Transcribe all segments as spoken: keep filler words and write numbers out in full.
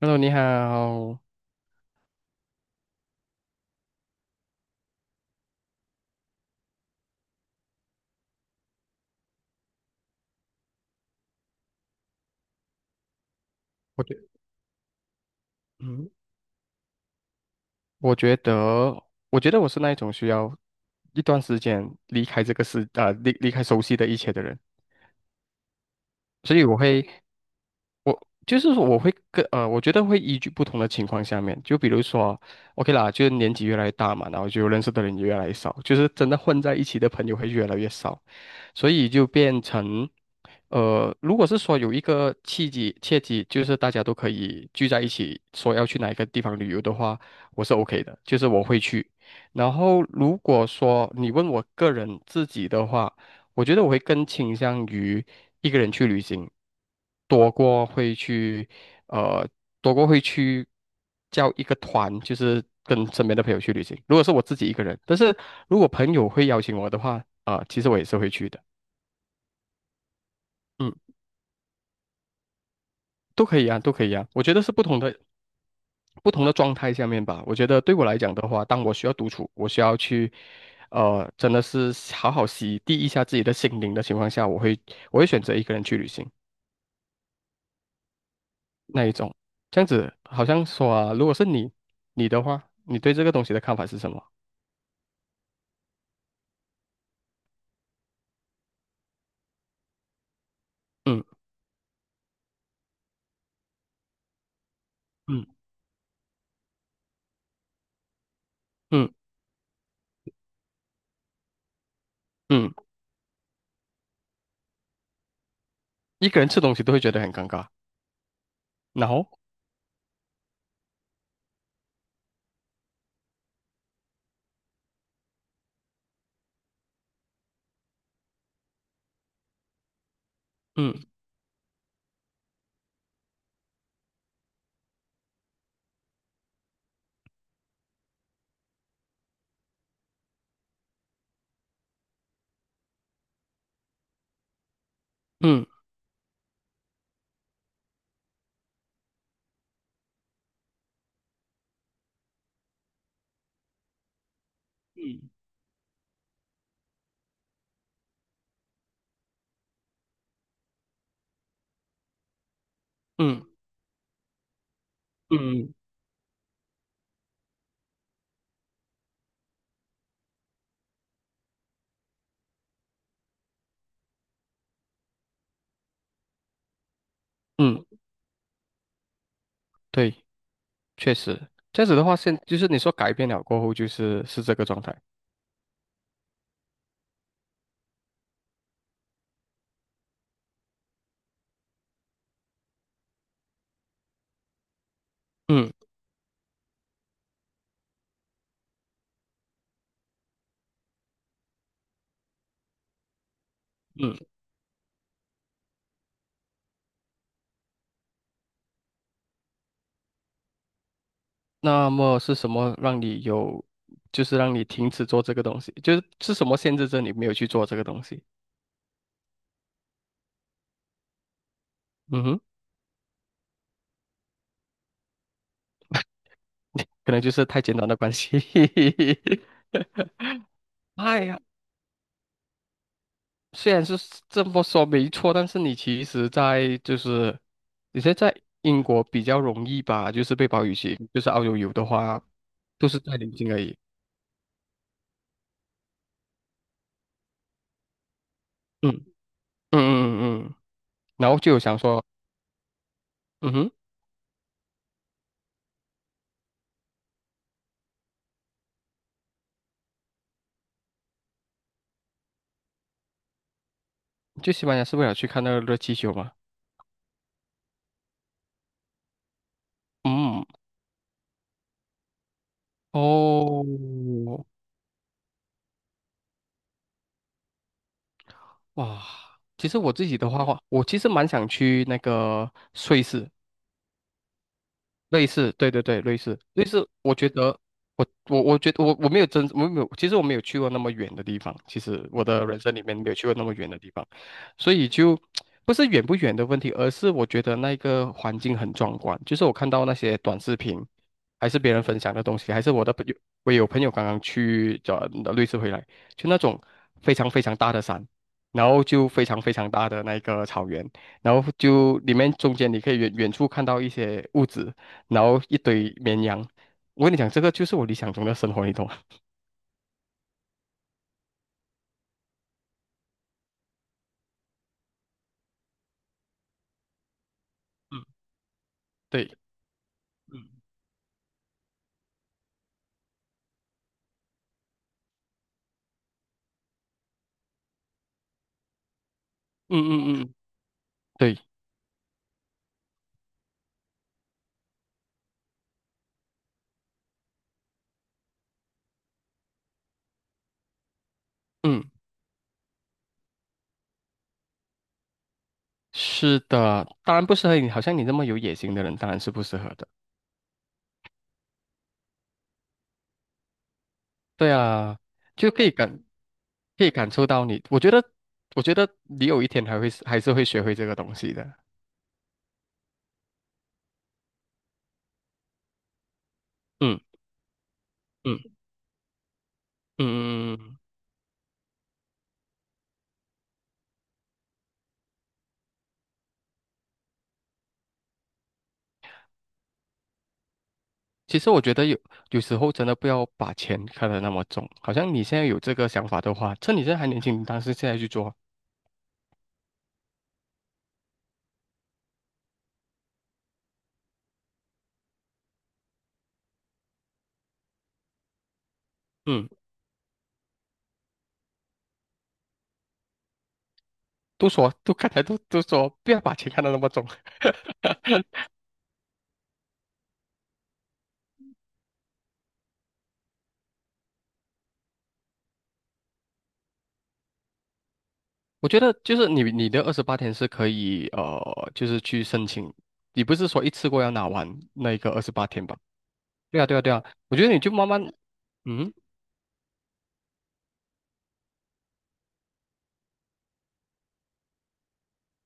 Hello，你好。我觉，嗯，我觉得，我觉得我是那一种需要一段时间离开这个世，啊、离离开熟悉的一切的人，所以我会，我就是说我会跟，呃，我觉得会依据不同的情况下面，就比如说，OK 啦，就是年纪越来越大嘛，然后就认识的人也越来越少，就是真的混在一起的朋友会越来越少，所以就变成，呃，如果是说有一个契机，契机就是大家都可以聚在一起，说要去哪一个地方旅游的话，我是 OK 的，就是我会去。然后如果说你问我个人自己的话，我觉得我会更倾向于一个人去旅行，多过会去，呃，多过会去叫一个团，就是跟身边的朋友去旅行。如果是我自己一个人，但是如果朋友会邀请我的话，啊、其实我也是会去的。嗯，都可以啊，都可以啊。我觉得是不同的不同的状态下面吧。我觉得对我来讲的话，当我需要独处，我需要去，呃，真的是好好洗涤一下自己的心灵的情况下，我会我会选择一个人去旅行那一种。这样子好像说啊，如果是你你的话，你对这个东西的看法是什么？嗯嗯嗯嗯，一个人吃东西都会觉得很尴尬。然后，嗯嗯嗯嗯嗯嗯，对。确实，这样子的话，现就是你说改变了过后，就是是这个状态。嗯嗯，那么是什么让你有，就是让你停止做这个东西？就是是什么限制着你没有去做这个东西？嗯哼，可能就是太简单的关系。哎呀，虽然是这么说没错，但是你其实在就是你现在在英国比较容易吧，就是被保语系，就是澳洲有的话都是在临近而已。嗯嗯嗯嗯，嗯然后就有想说，嗯哼。去西班牙是为了去看那个热气球吗？嗯，哦，哇，其实我自己的话，我其实蛮想去那个瑞士，类似，对对对，类似类似。我觉得，我我我觉得，我我没有真，我没有，其实我没有去过那么远的地方。其实我的人生里面没有去过那么远的地方，所以就不是远不远的问题，而是我觉得那个环境很壮观。就是我看到那些短视频，还是别人分享的东西，还是我的朋友，我有朋友刚刚去呃瑞士回来，就那种非常非常大的山。然后就非常非常大的那个草原，然后就里面中间你可以远远处看到一些物质。然后一堆绵羊。我跟你讲，这个就是我理想中的生活，你懂吗？嗯对，嗯嗯嗯嗯，对，嗯，是的，当然不适合你，好像你那么有野心的人，当然是不适合的。对啊，就可以感可以感受到你，我觉得，我觉得你有一天还会还是会学会这个东西的。嗯嗯嗯嗯嗯。其实我觉得有有时候真的不要把钱看得那么重，好像你现在有这个想法的话，趁你现在还年轻，你当时现在去做。嗯。都说，都刚才都都说，不要把钱看得那么重。我觉得就是你你的二十八天是可以呃，就是去申请，你不是说一次过要拿完那一个二十八天吧？对啊，对啊，对啊。我觉得你就慢慢，嗯，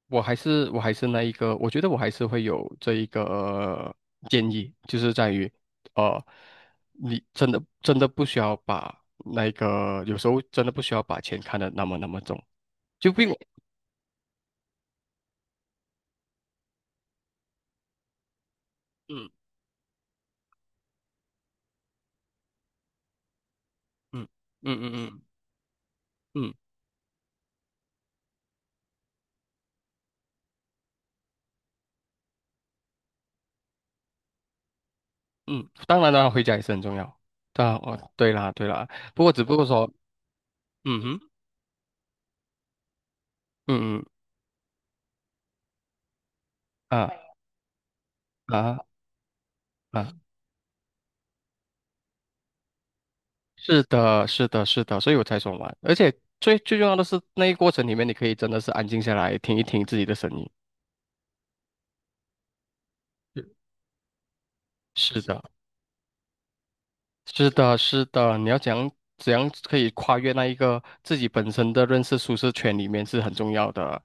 我还是我还是那一个，我觉得我还是会有这一个建议，就是在于，呃，你真的真的不需要把那个，有时候真的不需要把钱看得那么那么重。就比用，嗯嗯嗯嗯嗯嗯。嗯嗯，当然了，回家也是很重要。对啊，哦，对啦，对啦。不过只不过说，嗯哼，嗯嗯啊啊啊，是的，是的，是的，所以我才说嘛。而且最最重要的是，那一过程里面，你可以真的是安静下来，听一听自己的声音。是的，是的，是的。你要怎样怎样可以跨越那一个自己本身的认识舒适圈里面是很重要的。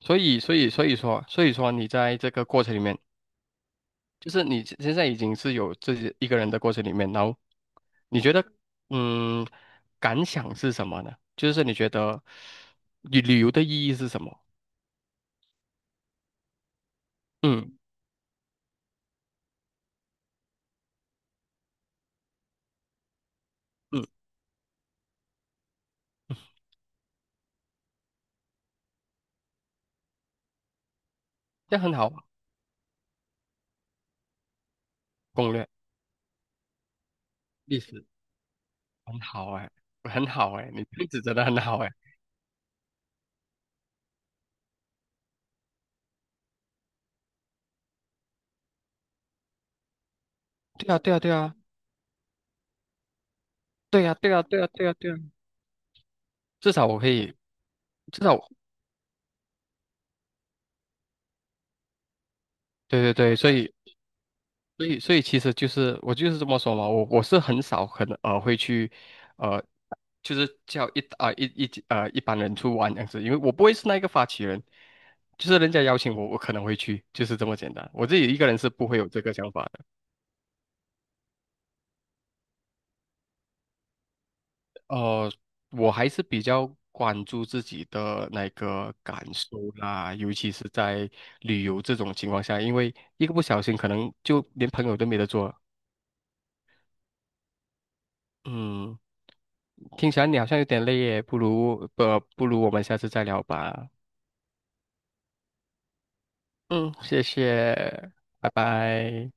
所以，所以，所以说，所以说你在这个过程里面。就是你现现在已经是有自己一个人的过程里面，然后你觉得，嗯，感想是什么呢？就是你觉得旅旅游的意义是什么？嗯嗯，这样很好啊。攻略历史，很好哎，很好哎，你历史真的很好哎。对啊对啊对啊对啊对啊对啊对啊对啊，至少我可以，至少我对对对，所以所以所以其实就是我就是这么说嘛，我我是很少可能呃会去。呃。就是叫一啊、一一呃一般人去玩这样子，因为我不会是那一个发起人，就是人家邀请我，我可能会去，就是这么简单。我自己一个人是不会有这个想法的。呃，我还是比较关注自己的那个感受啦，尤其是在旅游这种情况下，因为一个不小心可能就连朋友都没得做。嗯，听起来你好像有点累耶，不如不不如我们下次再聊吧。嗯，谢谢，拜拜。